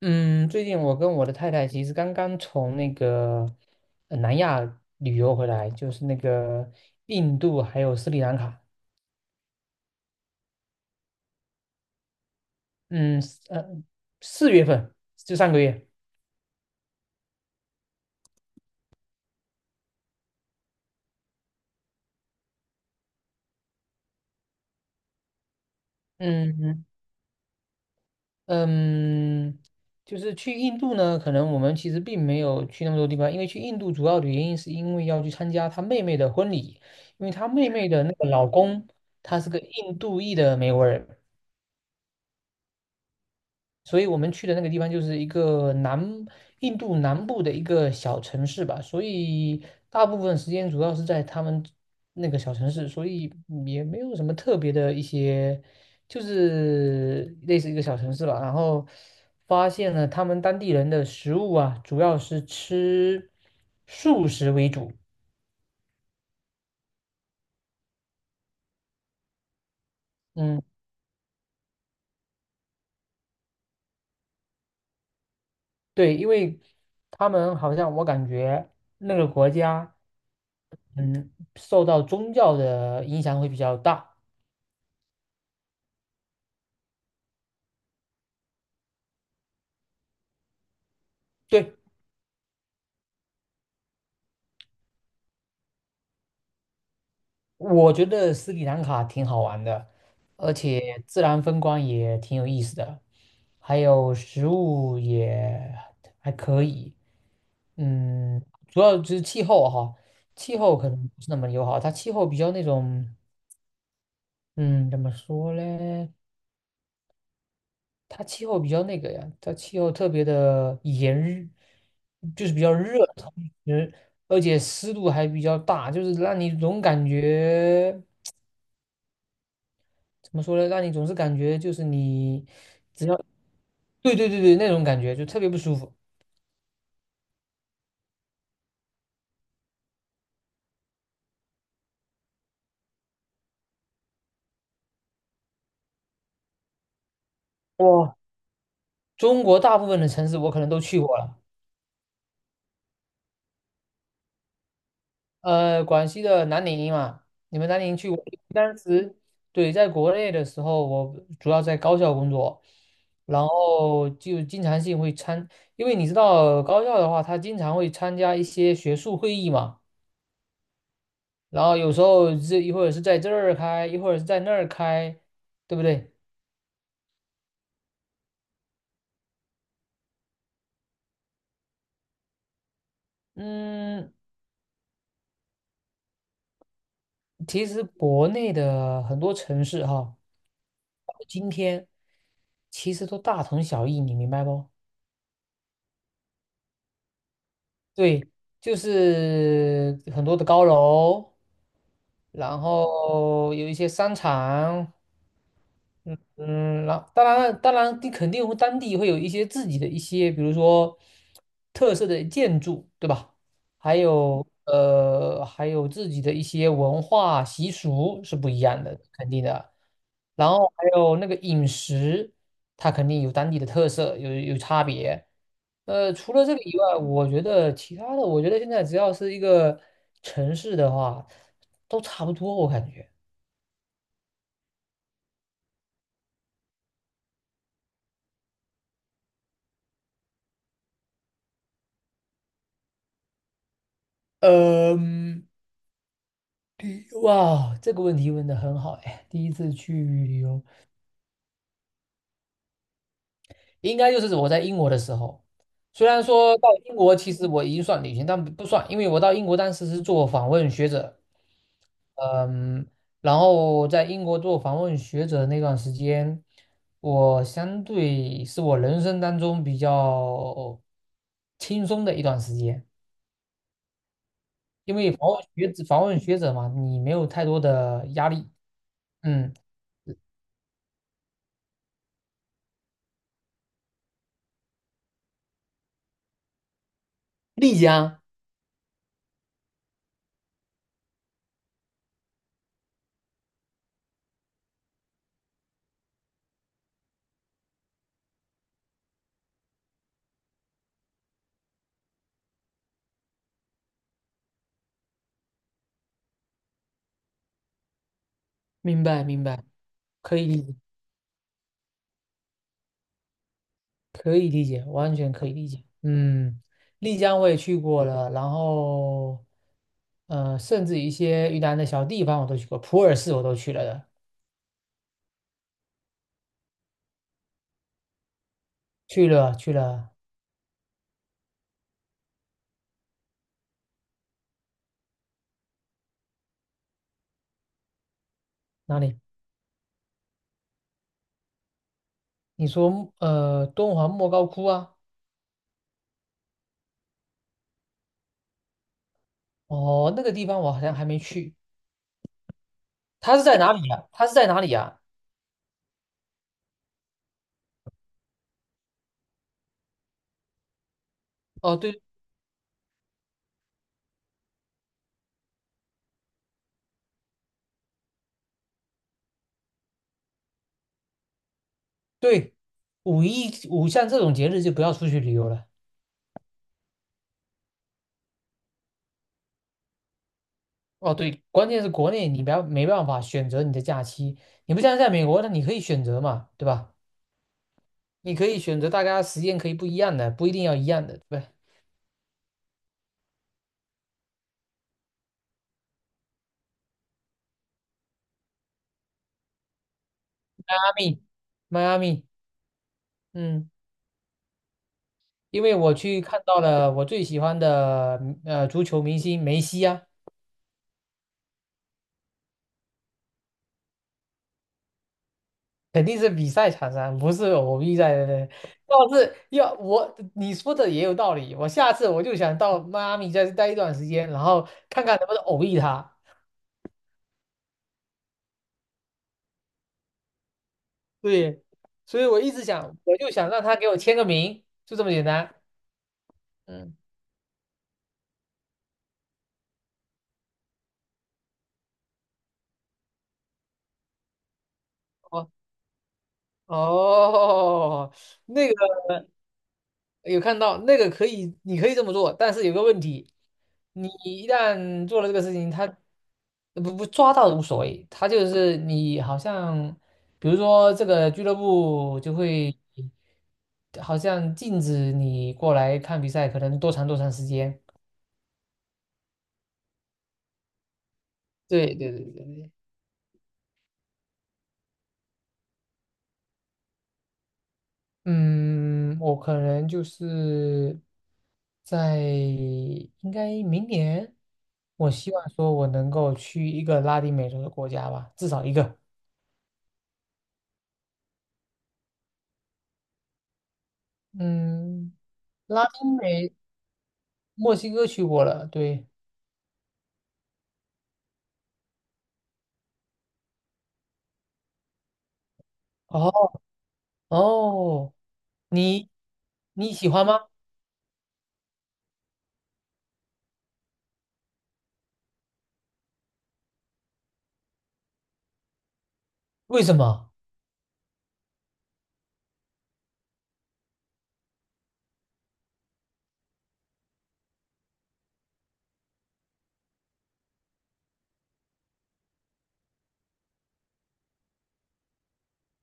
嗯，最近我跟我的太太其实刚刚从那个南亚旅游回来，就是那个印度还有斯里兰卡。嗯，四月份就上个月。嗯嗯，就是去印度呢，可能我们其实并没有去那么多地方，因为去印度主要的原因是因为要去参加她妹妹的婚礼，因为她妹妹的那个老公他是个印度裔的美国人。所以我们去的那个地方就是一个南印度南部的一个小城市吧，所以大部分时间主要是在他们那个小城市，所以也没有什么特别的一些，就是类似一个小城市吧。然后发现了他们当地人的食物啊，主要是吃素食为主。嗯，对，因为他们好像我感觉那个国家，嗯，受到宗教的影响会比较大。对。我觉得斯里兰卡挺好玩的，而且自然风光也挺有意思的，还有食物也还可以。嗯，主要就是气候哈，气候可能不是那么友好，它气候比较那种，嗯，怎么说嘞？它气候比较那个呀，它气候特别的炎热，就是比较热，同时而且湿度还比较大，就是让你总感觉。怎么说呢？让你总是感觉就是你只要，对对对对，那种感觉就特别不舒服。我中国大部分的城市我可能都去过了，广西的南宁嘛，你们南宁去过？当时对，在国内的时候，我主要在高校工作，然后就经常性会参，因为你知道高校的话，他经常会参加一些学术会议嘛，然后有时候这一会儿是在这儿开，一会儿是在那儿开，对不对？嗯，其实国内的很多城市哈，今天其实都大同小异，你明白不？对，就是很多的高楼，然后有一些商场，嗯，然后当然，你肯定会当地会有一些自己的一些，比如说特色的建筑，对吧？还有自己的一些文化习俗是不一样的，肯定的。然后还有那个饮食，它肯定有当地的特色，有差别。除了这个以外，我觉得其他的，我觉得现在只要是一个城市的话，都差不多，我感觉。嗯。哇，这个问题问的很好哎！第一次去旅游，应该就是我在英国的时候。虽然说到英国，其实我已经算旅行，但不算，因为我到英国当时是做访问学者，嗯，然后在英国做访问学者的那段时间，我相对是我人生当中比较轻松的一段时间，因为访问学者访问学者嘛，你没有太多的压力，嗯，丽江，明白明白，可以理解可以理解，完全可以理解。嗯，丽江我也去过了，然后，甚至一些云南的小地方我都去过，普洱市我都去了的，去了去了哪里？你说敦煌莫高窟啊？哦，那个地方我好像还没去，它是在哪里啊？它是在哪里呀？哦，对对，五一像这种节日就不要出去旅游了。哦，对，关键是国内你不要没办法选择你的假期，你不像在美国，那你可以选择嘛，对吧？你可以选择大家时间可以不一样的，不一定要一样的，对吧？迈阿密，迈阿密嗯，因为我去看到了我最喜欢的足球明星梅西啊，肯定是比赛场上，不是偶遇在的。要是要我你说的也有道理，我下次我就想到迈阿密再待一段时间，然后看看能不能偶遇他。对，所以我一直想，我就想让他给我签个名，就这么简单。嗯，哦哦，那个。有看到那个可以，你可以这么做，但是有个问题，你一旦做了这个事情，他不抓到无所谓，他就是你好像，比如说这个俱乐部就会好像禁止你过来看比赛，可能多长多长时间。对对对对对，嗯，我可能就是在应该明年，我希望说我能够去一个拉丁美洲的国家吧，至少一个。嗯，拉丁美墨西哥去过了，对。哦哦，你你喜欢吗？为什么？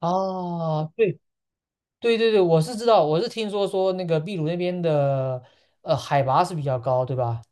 哦，对对对对，我是知道，我是听说那个秘鲁那边的海拔是比较高，对吧？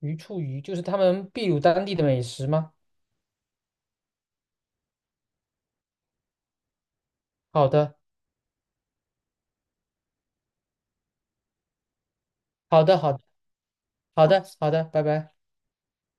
鱼醋鱼就是他们秘鲁当地的美食吗？好的，好的，好的，好的，好的，拜拜。